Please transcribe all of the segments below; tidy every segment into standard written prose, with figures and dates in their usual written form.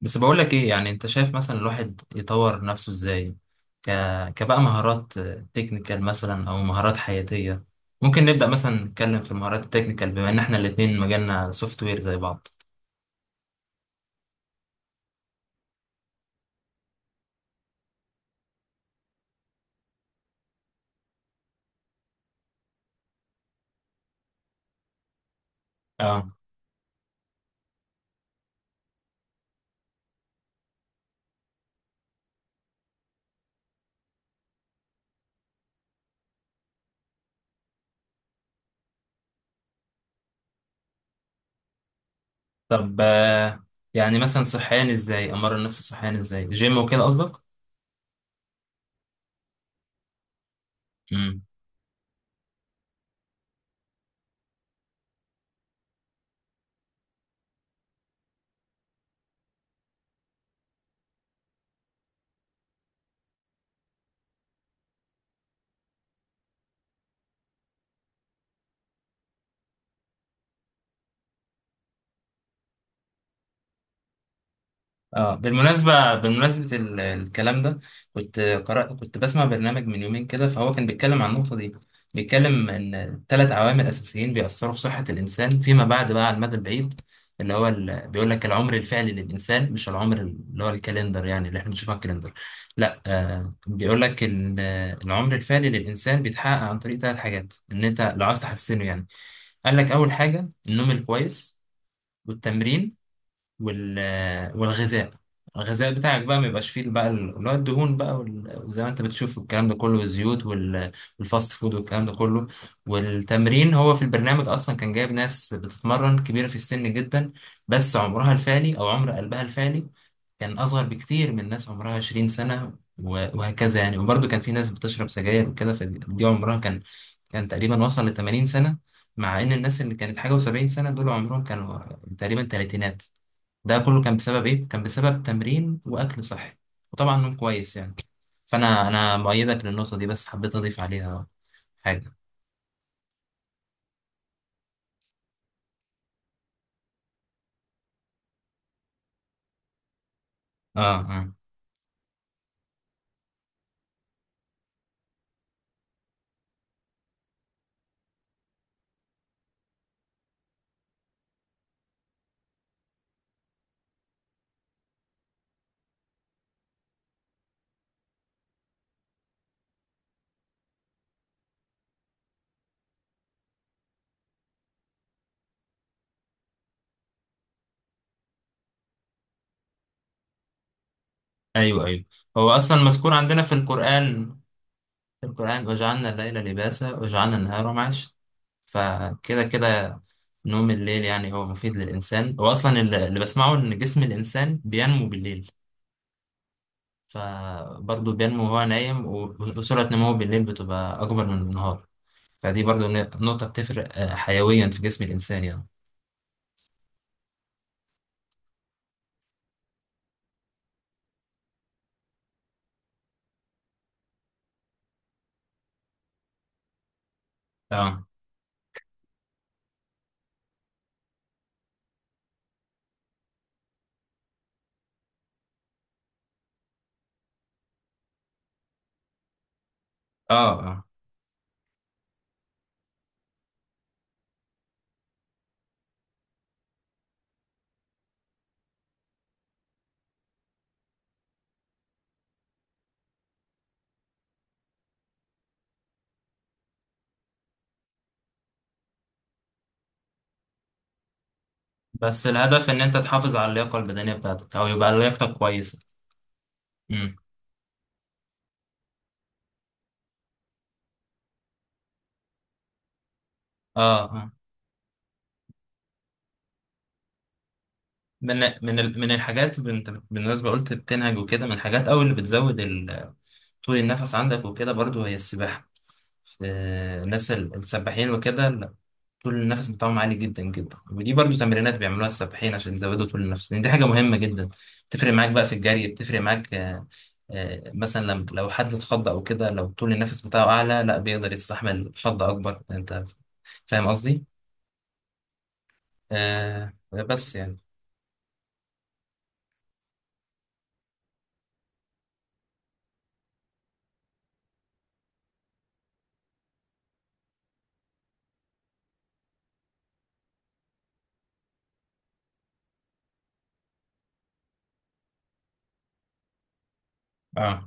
بس بقول لك ايه؟ يعني انت شايف مثلا الواحد يطور نفسه ازاي؟ ك... كبقى مهارات تكنيكال مثلا او مهارات حياتية. ممكن نبدأ مثلا نتكلم في المهارات التكنيكال، بما ان احنا الاتنين مجالنا سوفت وير زي بعض. اه. طب يعني مثلا صحيان ازاي، امرن نفسي صحيان ازاي، جيم وكده قصدك؟ اه، بالمناسبة، بمناسبة الكلام ده، كنت بسمع برنامج من يومين كده، فهو كان بيتكلم عن النقطة دي. بيتكلم ان ثلاث عوامل اساسيين بيأثروا في صحة الانسان فيما بعد بقى، على المدى البعيد. اللي هو بيقول لك العمر الفعلي للانسان مش العمر اللي هو الكالندر، يعني اللي احنا بنشوفه على الكالندر. لا، بيقول لك العمر الفعلي للانسان بيتحقق عن طريق ثلاث حاجات، ان انت لو عايز تحسنه يعني. قال لك اول حاجة النوم الكويس، والتمرين، وال والغذاء. الغذاء بتاعك بقى ما يبقاش فيه بقى اللي هو الدهون بقى، وزي ما انت بتشوف الكلام ده كله، والزيوت، والفاست فود والكلام ده كله. والتمرين، هو في البرنامج اصلا كان جايب ناس بتتمرن كبيره في السن جدا، بس عمرها الفعلي، او عمر قلبها الفعلي، كان اصغر بكتير من ناس عمرها 20 سنه، وهكذا يعني. وبرضه كان في ناس بتشرب سجاير وكده، فدي عمرها كان تقريبا وصل ل 80 سنه. مع ان الناس اللي كانت حاجه و70 سنه، دول عمرهم كانوا تقريبا تلاتينات. ده كله كان بسبب ايه؟ كان بسبب تمرين واكل صحي، وطبعا نوم كويس يعني. فانا مؤيدك للنقطه دي، بس حبيت اضيف عليها حاجه. اه، اه. ايوه، ايوه. هو اصلا مذكور عندنا في القران. في القران: وجعلنا الليل لباسا وجعلنا النهار معاشا. فكده كده، نوم الليل يعني هو مفيد للانسان. هو اصلا اللي بسمعه ان جسم الانسان بينمو بالليل، فبرضه بينمو وهو نايم، وسرعه نموه بالليل بتبقى اكبر من النهار. فدي برضو نقطة بتفرق حيويا في جسم الإنسان يعني. اه، اه، اه. بس الهدف إن أنت تحافظ على اللياقة البدنية بتاعتك، أو يبقى لياقتك كويسة. امم. اه، اه. من من من الحاجات، انت بالنسبة قلت بتنهج وكده، من الحاجات أو اللي بتزود طول النفس عندك وكده، برضو هي السباحة. الناس السباحين وكده طول النفس بتاعهم عالي جدا جدا، ودي برضو تمرينات بيعملوها السباحين عشان يزودوا طول النفس، لان دي حاجه مهمه جدا. بتفرق معاك بقى في الجري، بتفرق معاك مثلا لما لو حد اتخض او كده، لو طول النفس بتاعه اعلى، لا، بيقدر يستحمل خض اكبر. انت فاهم قصدي؟ بس يعني. اه،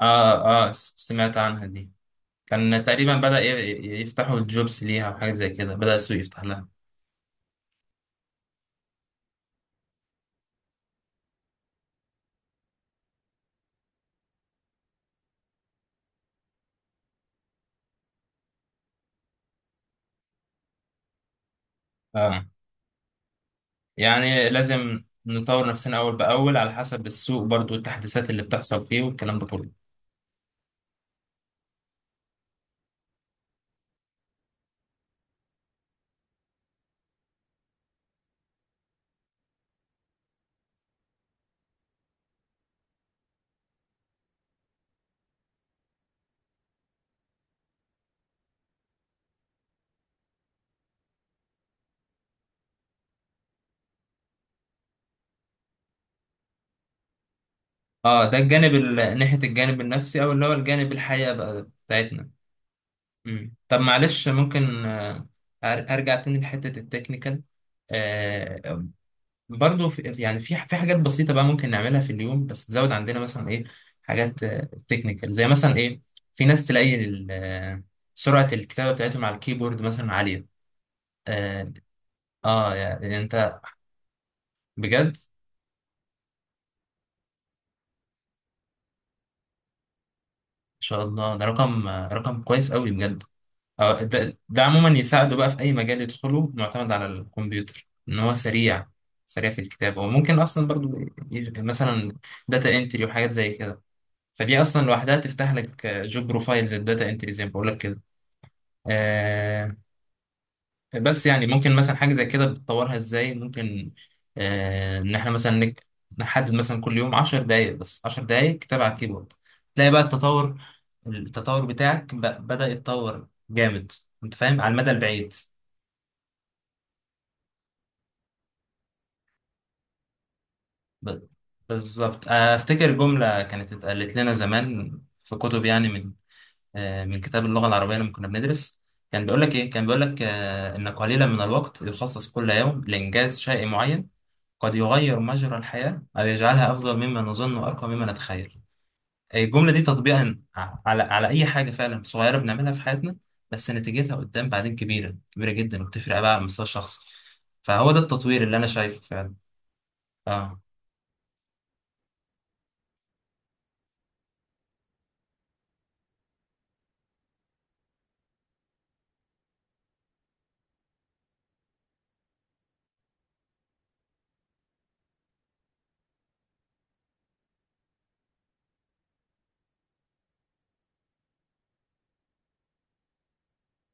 اه، اه. سمعت عنها دي. كان تقريبا بدأ يفتحوا الجوبس ليها، وحاجه زي كده بدأ السوق يفتح لها. اه. يعني لازم نطور نفسنا أول بأول على حسب السوق، برضو التحديثات اللي بتحصل فيه والكلام ده كله. اه، ده الجانب ناحية الجانب النفسي، أو اللي هو الجانب الحياة بقى بتاعتنا. مم. طب معلش، ممكن أرجع تاني لحتة التكنيكال؟ آه برضو في، يعني، في حاجات بسيطة بقى ممكن نعملها في اليوم، بس تزود عندنا مثلا إيه؟ حاجات تكنيكال زي مثلا إيه؟ في ناس تلاقي سرعة الكتابة بتاعتهم على الكيبورد مثلا عالية. اه، يعني انت بجد؟ شاء الله، ده رقم كويس قوي بجد. ده عموما يساعده بقى في اي مجال يدخله معتمد على الكمبيوتر، ان هو سريع. سريع في الكتابه، وممكن اصلا برضو مثلا داتا انتري وحاجات زي كده. فدي اصلا لوحدها تفتح لك جوب بروفايل زي الداتا انتري، زي ما بقول لك كده. آه بس يعني ممكن مثلا حاجه زي كده بتطورها ازاي؟ ممكن ان احنا مثلا نحدد مثلا كل يوم 10 دقائق، بس 10 دقائق كتابه على الكيبورد، تلاقي بقى التطور بتاعك بدأ يتطور جامد، انت فاهم، على المدى البعيد. ب- بالظبط. افتكر جملة كانت اتقالت لنا زمان في كتب يعني، من كتاب اللغة العربية لما كنا بندرس. كان بيقول لك ايه؟ كان بيقول لك ان قليلا من الوقت يخصص كل يوم لإنجاز شيء معين، قد يغير مجرى الحياة أو يجعلها أفضل مما نظن وأرقى مما نتخيل. الجملة دي تطبيقا على أي حاجة فعلا صغيرة بنعملها في حياتنا، بس نتيجتها قدام بعدين كبيرة كبيرة جدا، وبتفرق بقى على المستوى الشخصي. فهو ده التطوير اللي أنا شايفه فعلا. اه.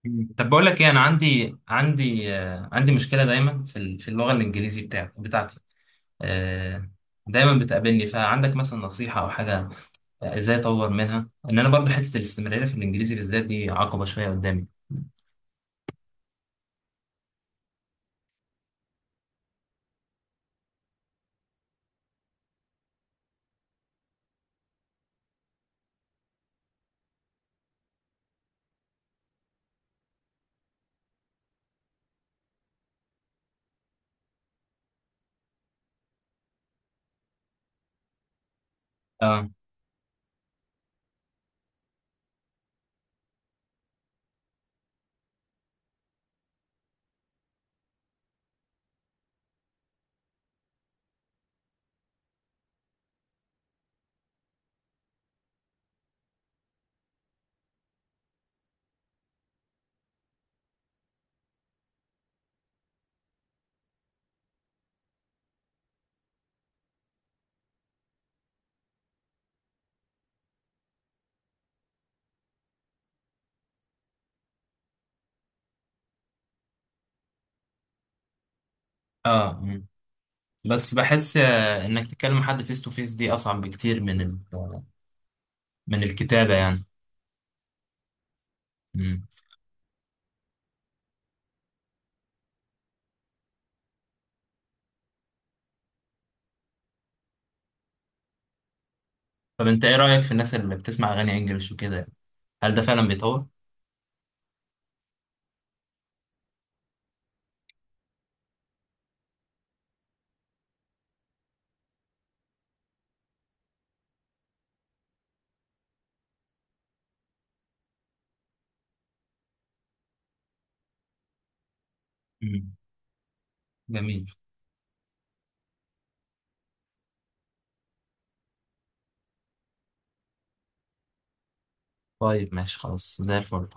مم. طب بقول لك إيه، أنا عندي مشكلة دايما في اللغة الإنجليزي بتاعتي، آه دايما بتقابلني. فعندك مثلا نصيحة أو حاجة إزاي أطور منها؟ إن أنا برضو حتة الاستمرارية في الإنجليزي بالذات دي عقبة شوية قدامي. اه، اه. بس بحس انك تكلم حد فيس تو فيس دي اصعب بكتير من الكتابة يعني. مم. طب انت ايه رأيك في الناس اللي بتسمع اغاني انجلش وكده؟ هل ده فعلا بيطور؟ مم. جميل. طيب، ماشي، خلاص زي الفل.